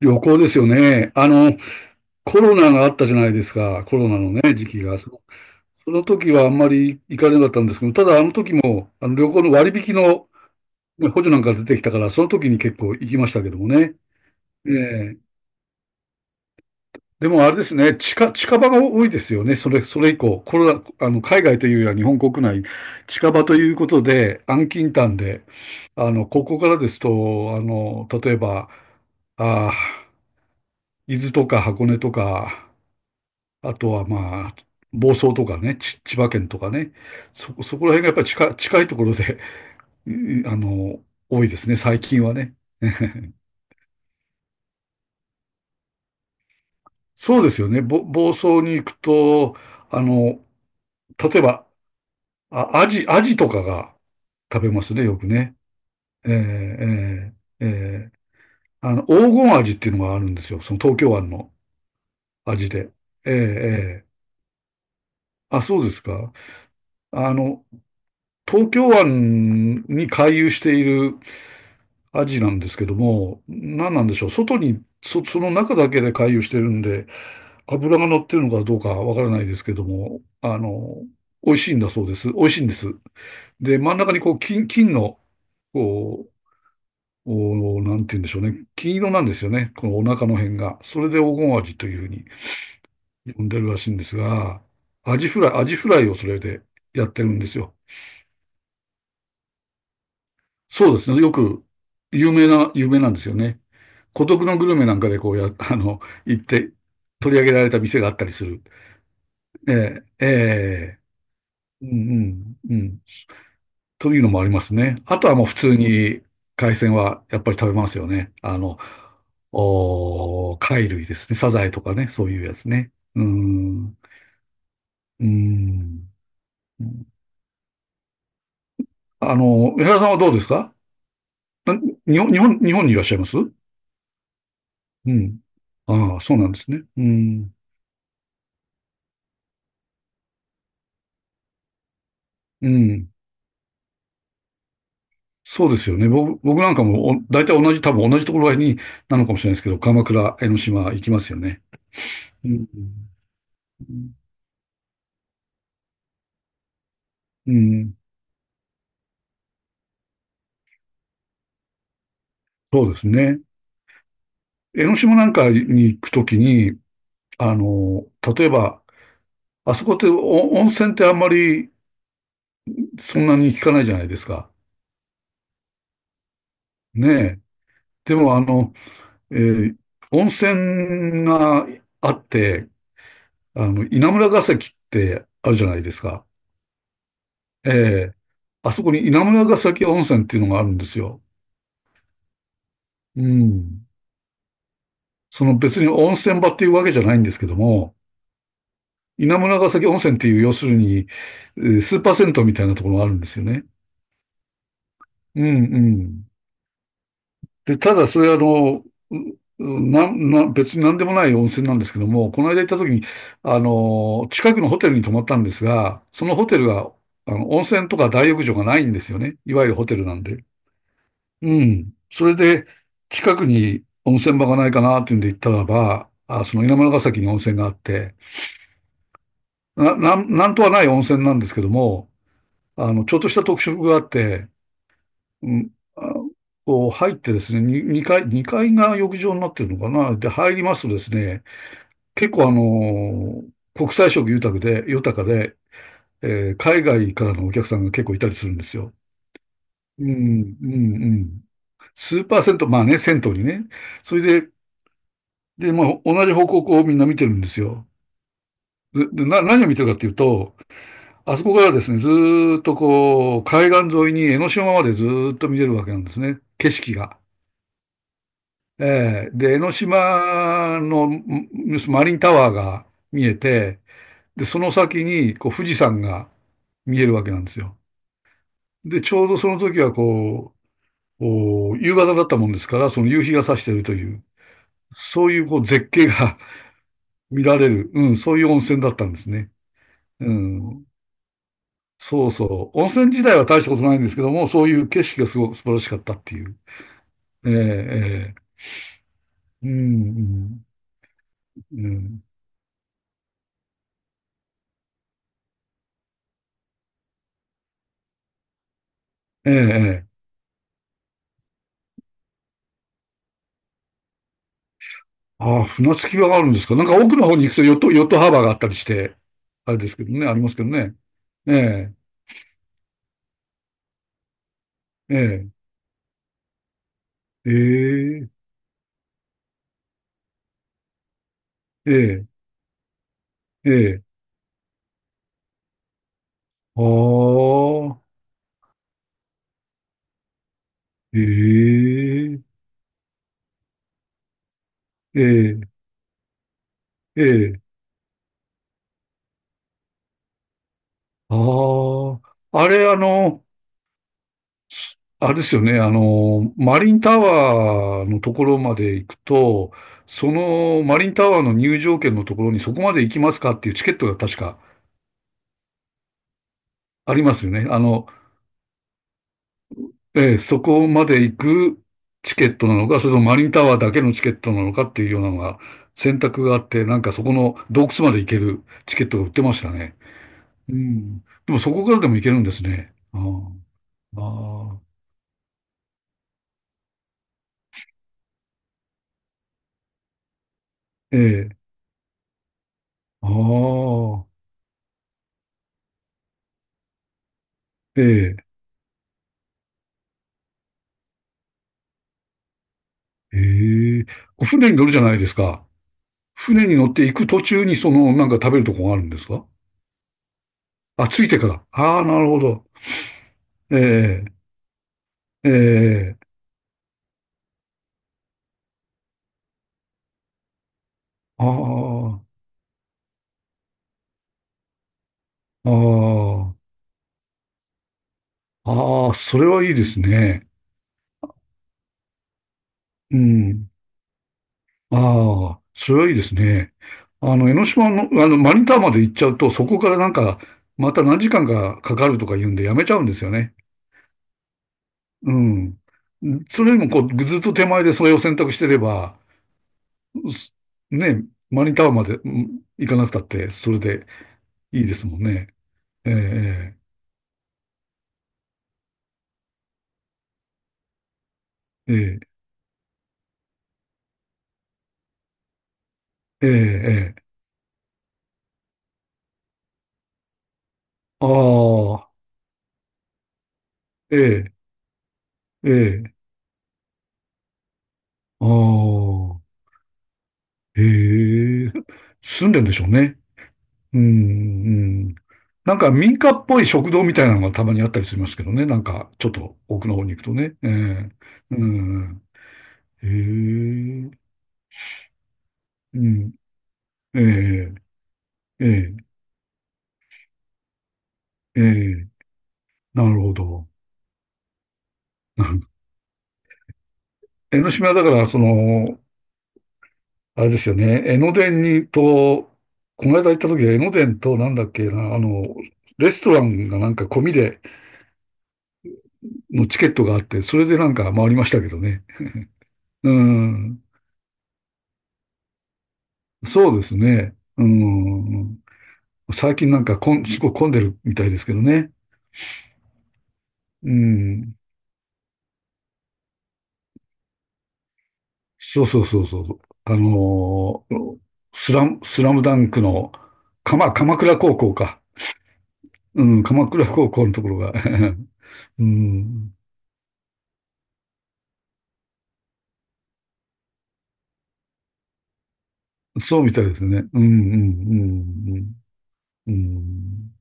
旅行ですよね。コロナがあったじゃないですか。コロナのね、時期が。その時はあんまり行かれなかったんですけど、ただあの時も、あの旅行の割引の、ね、補助なんか出てきたから、その時に結構行きましたけどもね。ええ、でもあれですね、近場が多いですよね。それ以降、コロナ、海外というよりは日本国内、近場ということで、安近短で、ここからですと、例えば、ああ、伊豆とか箱根とか、あとはまあ、房総とかね、千葉県とかね、そこら辺がやっぱり近い、近いところで、うん、多いですね、最近はね。そうですよね。房総に行くと、あの、例えば、アジとかが食べますね、よくね。えーえーえー黄金アジっていうのがあるんですよ。その東京湾のアジで。えーえーあ、そうですか。あの、東京湾に回遊しているアジなんですけども、何なんでしょう。外に、その中だけで回遊してるんで、油が乗ってるのかどうかわからないですけども、美味しいんだそうです。美味しいんです。で、真ん中にこう、金の、こう、なんて言うんでしょうね。金色なんですよね。このお腹の辺が。それで黄金アジというふうに呼んでるらしいんですが、アジフライをそれでやってるんですよ。そうですね。よく、有名なんですよね。孤独のグルメなんかでこうや、あの、行って取り上げられた店があったりする。ええ、ええ、うん、うん、うん。というのもありますね。あとはもう普通に海鮮はやっぱり食べますよね。貝類ですね。サザエとかね、そういうやつね。うーん、うーん。江原さんはどうですか？な日本にいらっしゃいます？うん。ああ、そうなんですね。うん。うん。そうですよね。僕なんかも大体同じ、多分同じところになのかもしれないですけど、鎌倉、江ノ島行きますよね。うん。うん。そうですね。江ノ島なんかに行くときに、あの、例えば、あそこってお温泉ってあんまりそんなに聞かないじゃないですか。ねえ。でも、えー温泉があって、稲村ヶ崎ってあるじゃないですか。ええ。あそこに稲村ヶ崎温泉っていうのがあるんですよ。うん。その別に温泉場っていうわけじゃないんですけども、稲村ヶ崎温泉っていう、要するに、スーパー銭湯みたいなところがあるんですよね。うんうん。で、ただそれはう別に何でもない温泉なんですけども、この間行った時に、近くのホテルに泊まったんですが、そのホテルが、温泉とか大浴場がないんですよね。いわゆるホテルなんで。うん。それで、近くに温泉場がないかなっていうんで行ったらば、あ、その稲村ヶ崎に温泉があって、なんとはない温泉なんですけども、ちょっとした特色があって、うん、あこう入ってですね、2階が浴場になってるのかな。で、入りますとですね、結構国際色豊かで、海外からのお客さんが結構いたりするんですよ。うん、うん、うん。数パーセント、まあね、銭湯にね。それで、まあ、同じ方向をこうみんな見てるんですよ。で何を見てるかっていうと、あそこからですね、ずーっとこう、海岸沿いに江ノ島までずーっと見れるわけなんですね、景色が。えーで、江ノ島のマリンタワーが見えて、で、その先にこう富士山が見えるわけなんですよ。で、ちょうどその時はこう、お夕方だったもんですから、その夕日が差しているという、そういうこう絶景が 見られる、うん、そういう温泉だったんですね。うん。そうそう。温泉自体は大したことないんですけども、そういう景色がすごく素晴らしかったっていう。ええ、ええ、うん、うん、うん。ええ、ええ。ああ、船着き場があるんですか。なんか奥の方に行くとヨットハーバーがあったりして、あれですけどね、ありますけどね。ええ、ええ、ええ、ええ、ええ、ああ、ええ、ええ、ええ、ああ。あれ、あの、あれですよね、マリンタワーのところまで行くと、そのマリンタワーの入場券のところにそこまで行きますかっていうチケットが確かありますよね。ええ、そこまで行くチケットなのか、それともマリンタワーだけのチケットなのかっていうようなのが選択があって、なんかそこの洞窟まで行けるチケットが売ってましたね。うん。でもそこからでも行けるんですね。ああ、ああ、ええ、ああ、ええ。ええ、こう船に乗るじゃないですか。船に乗って行く途中にその、なんか食べるとこがあるんですか？あ、ついてから。ああ、なるほど。ええ、ええ、ああ、ああ、ああ、それはいいですね。うん。ああ、それはいいですね。江ノ島の、マリンタワーまで行っちゃうと、そこからなんか、また何時間かかかるとか言うんでやめちゃうんですよね。うん。それよりも、こう、ずっと手前でそれを選択してれば、ね、マニタワーまで行かなくたって、それでいいですもんね。ええ、ええ、ええ、ええ、ああ、ええ、ええ、ああ、ええ、住んでんでしょうね。うん、うん。なんか民家っぽい食堂みたいなのがたまにあったりしますけどね。なんか、ちょっと奥の方に行くとね。ええ、うん、ええ、うん、ええ、ええ、ええ、なるほど。江ノ島だから、その、あれですよね。江ノ電にと、この間行った時は江ノ電となんだっけな、レストランがなんか込みでのチケットがあって、それでなんか回りましたけどね。うん。そうですね。うん。最近なんかすごい混んでるみたいですけどね。うん。そうそうそうそう。スラムダンクの、鎌倉高校か。うん、鎌倉高校のところが。うん。そうみたいですね。うんうんうんうん。うん、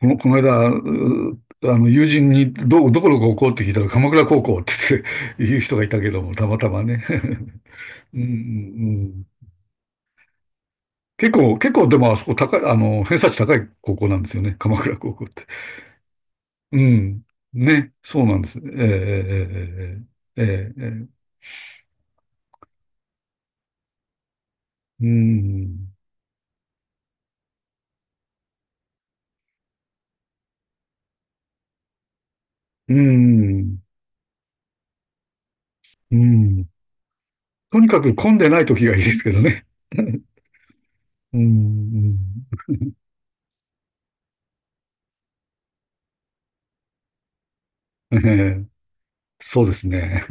この間、うあの、友人にどこの高校って聞いたら鎌倉高校って言う人がいたけども、たまたまね。うんうんうん。結構でもあそこ高い、偏差値高い高校なんですよね。鎌倉高校って。うん。ね、そうなんです。ええええええええええ、うん。うん。うん。とにかく混んでない時がいいですけどね。うん。うん、ええ、そうですね。